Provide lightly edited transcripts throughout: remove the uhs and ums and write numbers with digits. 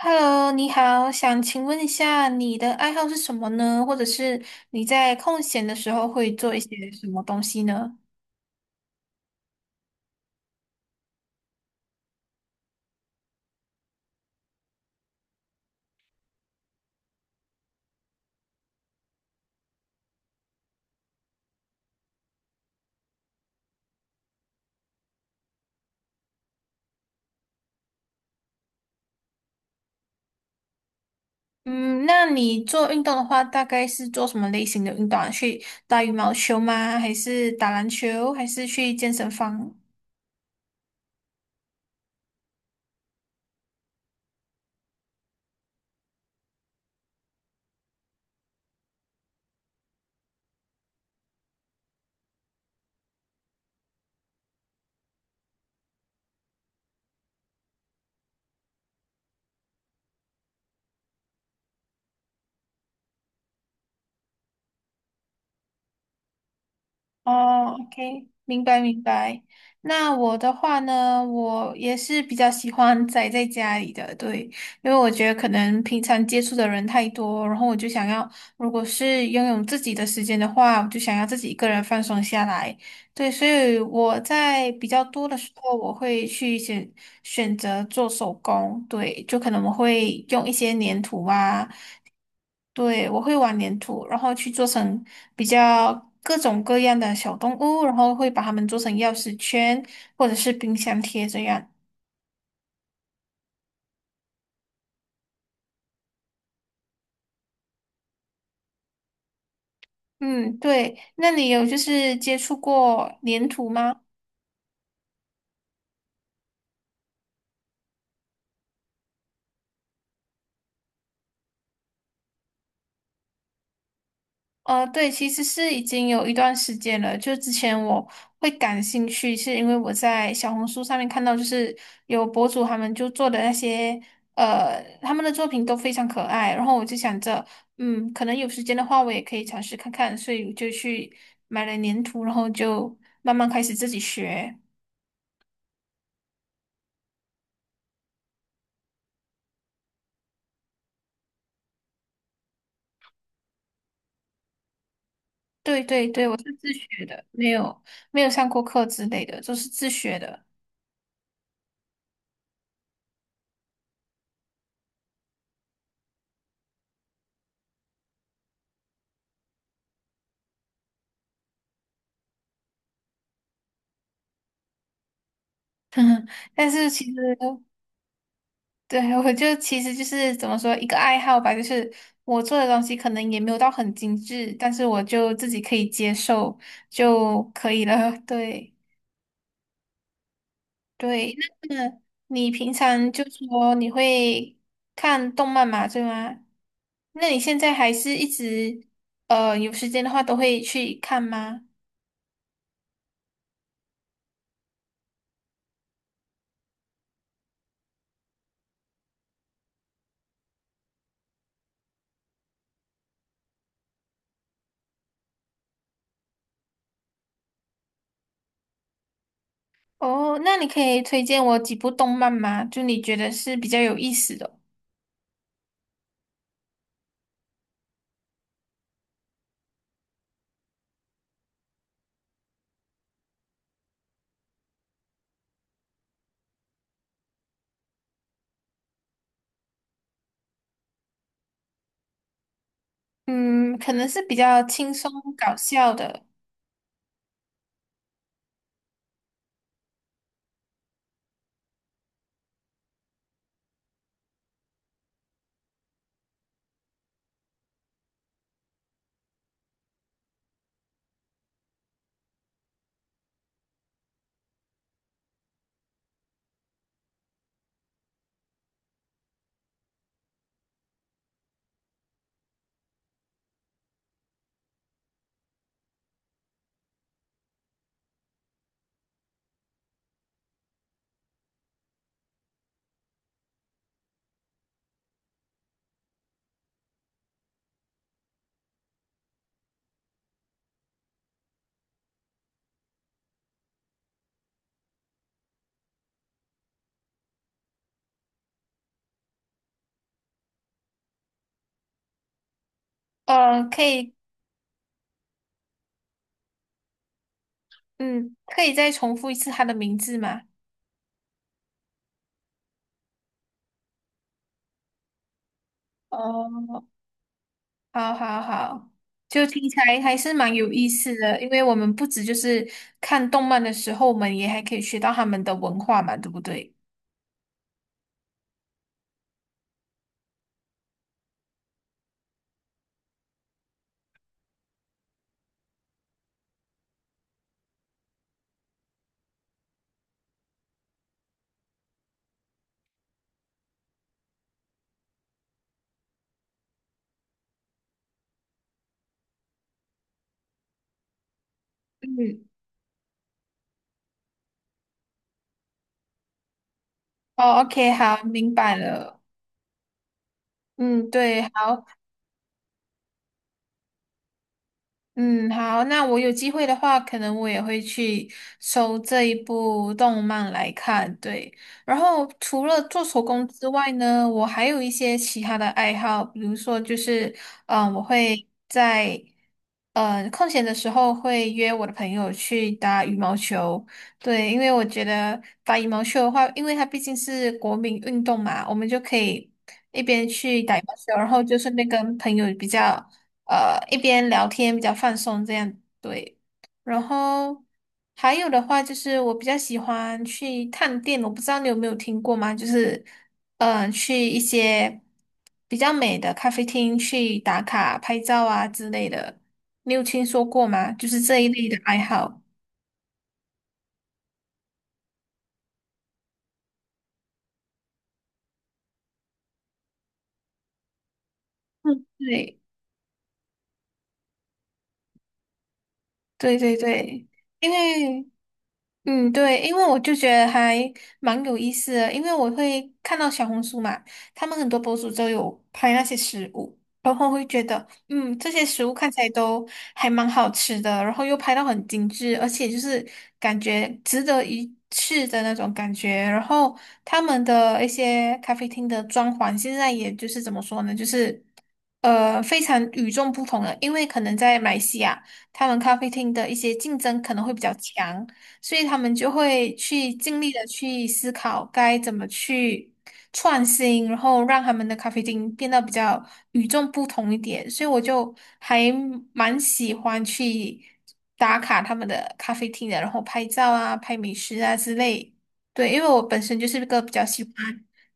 Hello，你好，想请问一下你的爱好是什么呢？或者是你在空闲的时候会做一些什么东西呢？嗯，那你做运动的话，大概是做什么类型的运动啊？去打羽毛球吗？还是打篮球？还是去健身房？哦，OK，明白明白。那我的话呢，我也是比较喜欢宅在家里的，对，因为我觉得可能平常接触的人太多，然后我就想要，如果是拥有自己的时间的话，我就想要自己一个人放松下来。对，所以我在比较多的时候，我会去选选择做手工，对，就可能我会用一些粘土啊。对，我会玩粘土，然后去做成比较各种各样的小动物，然后会把它们做成钥匙圈或者是冰箱贴这样。嗯，对，那你有就是接触过粘土吗？对，其实是已经有一段时间了。就之前我会感兴趣，是因为我在小红书上面看到，就是有博主他们就做的那些，他们的作品都非常可爱。然后我就想着，嗯，可能有时间的话，我也可以尝试看看，所以我就去买了粘土，然后就慢慢开始自己学。对对对，我是自学的，没有上过课之类的，都是自学的。但是其实对，我就其实就是怎么说一个爱好吧，就是我做的东西可能也没有到很精致，但是我就自己可以接受就可以了。对对，那么你平常就说你会看动漫嘛，对吗？那你现在还是一直有时间的话都会去看吗？哦，那你可以推荐我几部动漫吗？就你觉得是比较有意思的，嗯，可能是比较轻松搞笑的。呃，可以嗯，可以再重复一次他的名字吗？哦，好好好，就听起来还是蛮有意思的，因为我们不止就是看动漫的时候，我们也还可以学到他们的文化嘛，对不对？嗯，哦，OK，好，明白了。嗯，对，嗯，好，那我有机会的话，可能我也会去收这一部动漫来看。对，然后除了做手工之外呢，我还有一些其他的爱好，比如说就是，嗯、我会在，嗯、空闲的时候会约我的朋友去打羽毛球。对，因为我觉得打羽毛球的话，因为它毕竟是国民运动嘛，我们就可以一边去打羽毛球，然后就顺便跟朋友比较。呃一边聊天比较放松这样对。然后还有的话就是我比较喜欢去探店，我不知道你有没有听过吗？就是嗯、去一些比较美的咖啡厅去打卡拍照啊之类的，你有听说过吗？就是这一类的爱好。对对对对，因为嗯，对，因为我就觉得还蛮有意思的，因为我会看到小红书嘛，他们很多博主都有拍那些食物，然后会觉得，嗯，这些食物看起来都还蛮好吃的，然后又拍到很精致，而且就是感觉值得一试的那种感觉。然后他们的一些咖啡厅的装潢，现在也就是怎么说呢，就是非常与众不同的，因为可能在马来西亚，他们咖啡厅的一些竞争可能会比较强。所以他们就会去尽力的去思考该怎么去创新，然后让他们的咖啡厅变得比较与众不同一点。所以我就还蛮喜欢去打卡他们的咖啡厅的，然后拍照啊、拍美食啊之类。对，因为我本身就是一个比较喜欢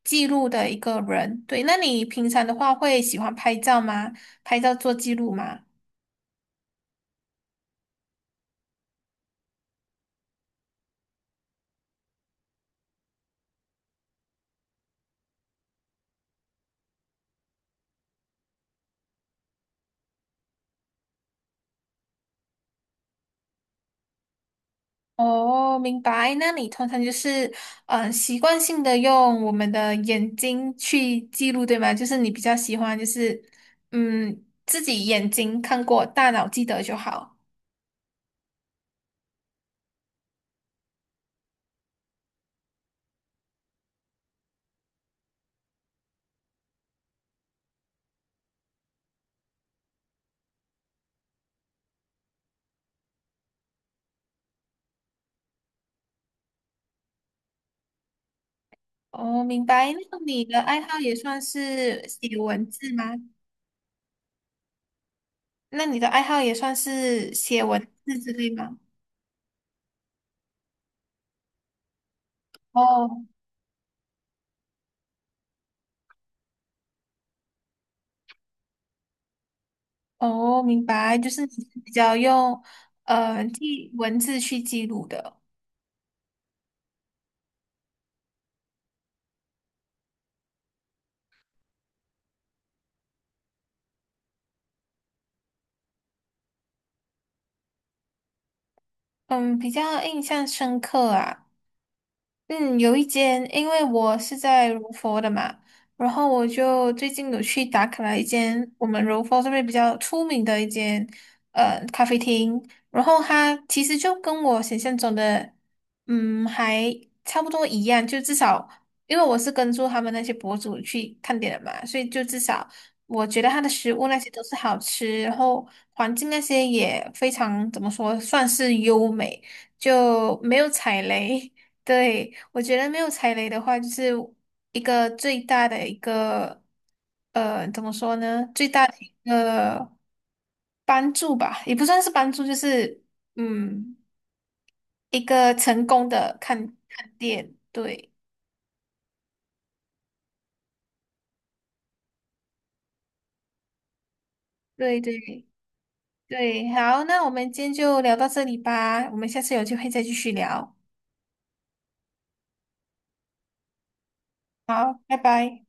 记录的一个人。对，那你平常的话会喜欢拍照吗？拍照做记录吗？哦，明白。那你通常就是，嗯，习惯性的用我们的眼睛去记录，对吗？就是你比较喜欢，就是，嗯，自己眼睛看过，大脑记得就好。哦，明白。那你的爱好也算是写文字吗？那你的爱好也算是写文字之类吗？哦，哦，明白。就是你是比较用，记文字去记录的。嗯，比较印象深刻啊。嗯，有一间，因为我是在柔佛的嘛，然后我就最近有去打卡了一间我们柔佛这边比较出名的一间咖啡厅，然后它其实就跟我想象中的嗯还差不多一样，就至少因为我是跟住他们那些博主去看点的嘛，所以就至少我觉得它的食物那些都是好吃，然后环境那些也非常怎么说算是优美，就没有踩雷。对，我觉得没有踩雷的话，就是一个最大的一个，怎么说呢？最大的帮助吧，也不算是帮助，就是嗯，一个成功的看看店。对，对对对，好，那我们今天就聊到这里吧，我们下次有机会再继续聊。好，拜拜。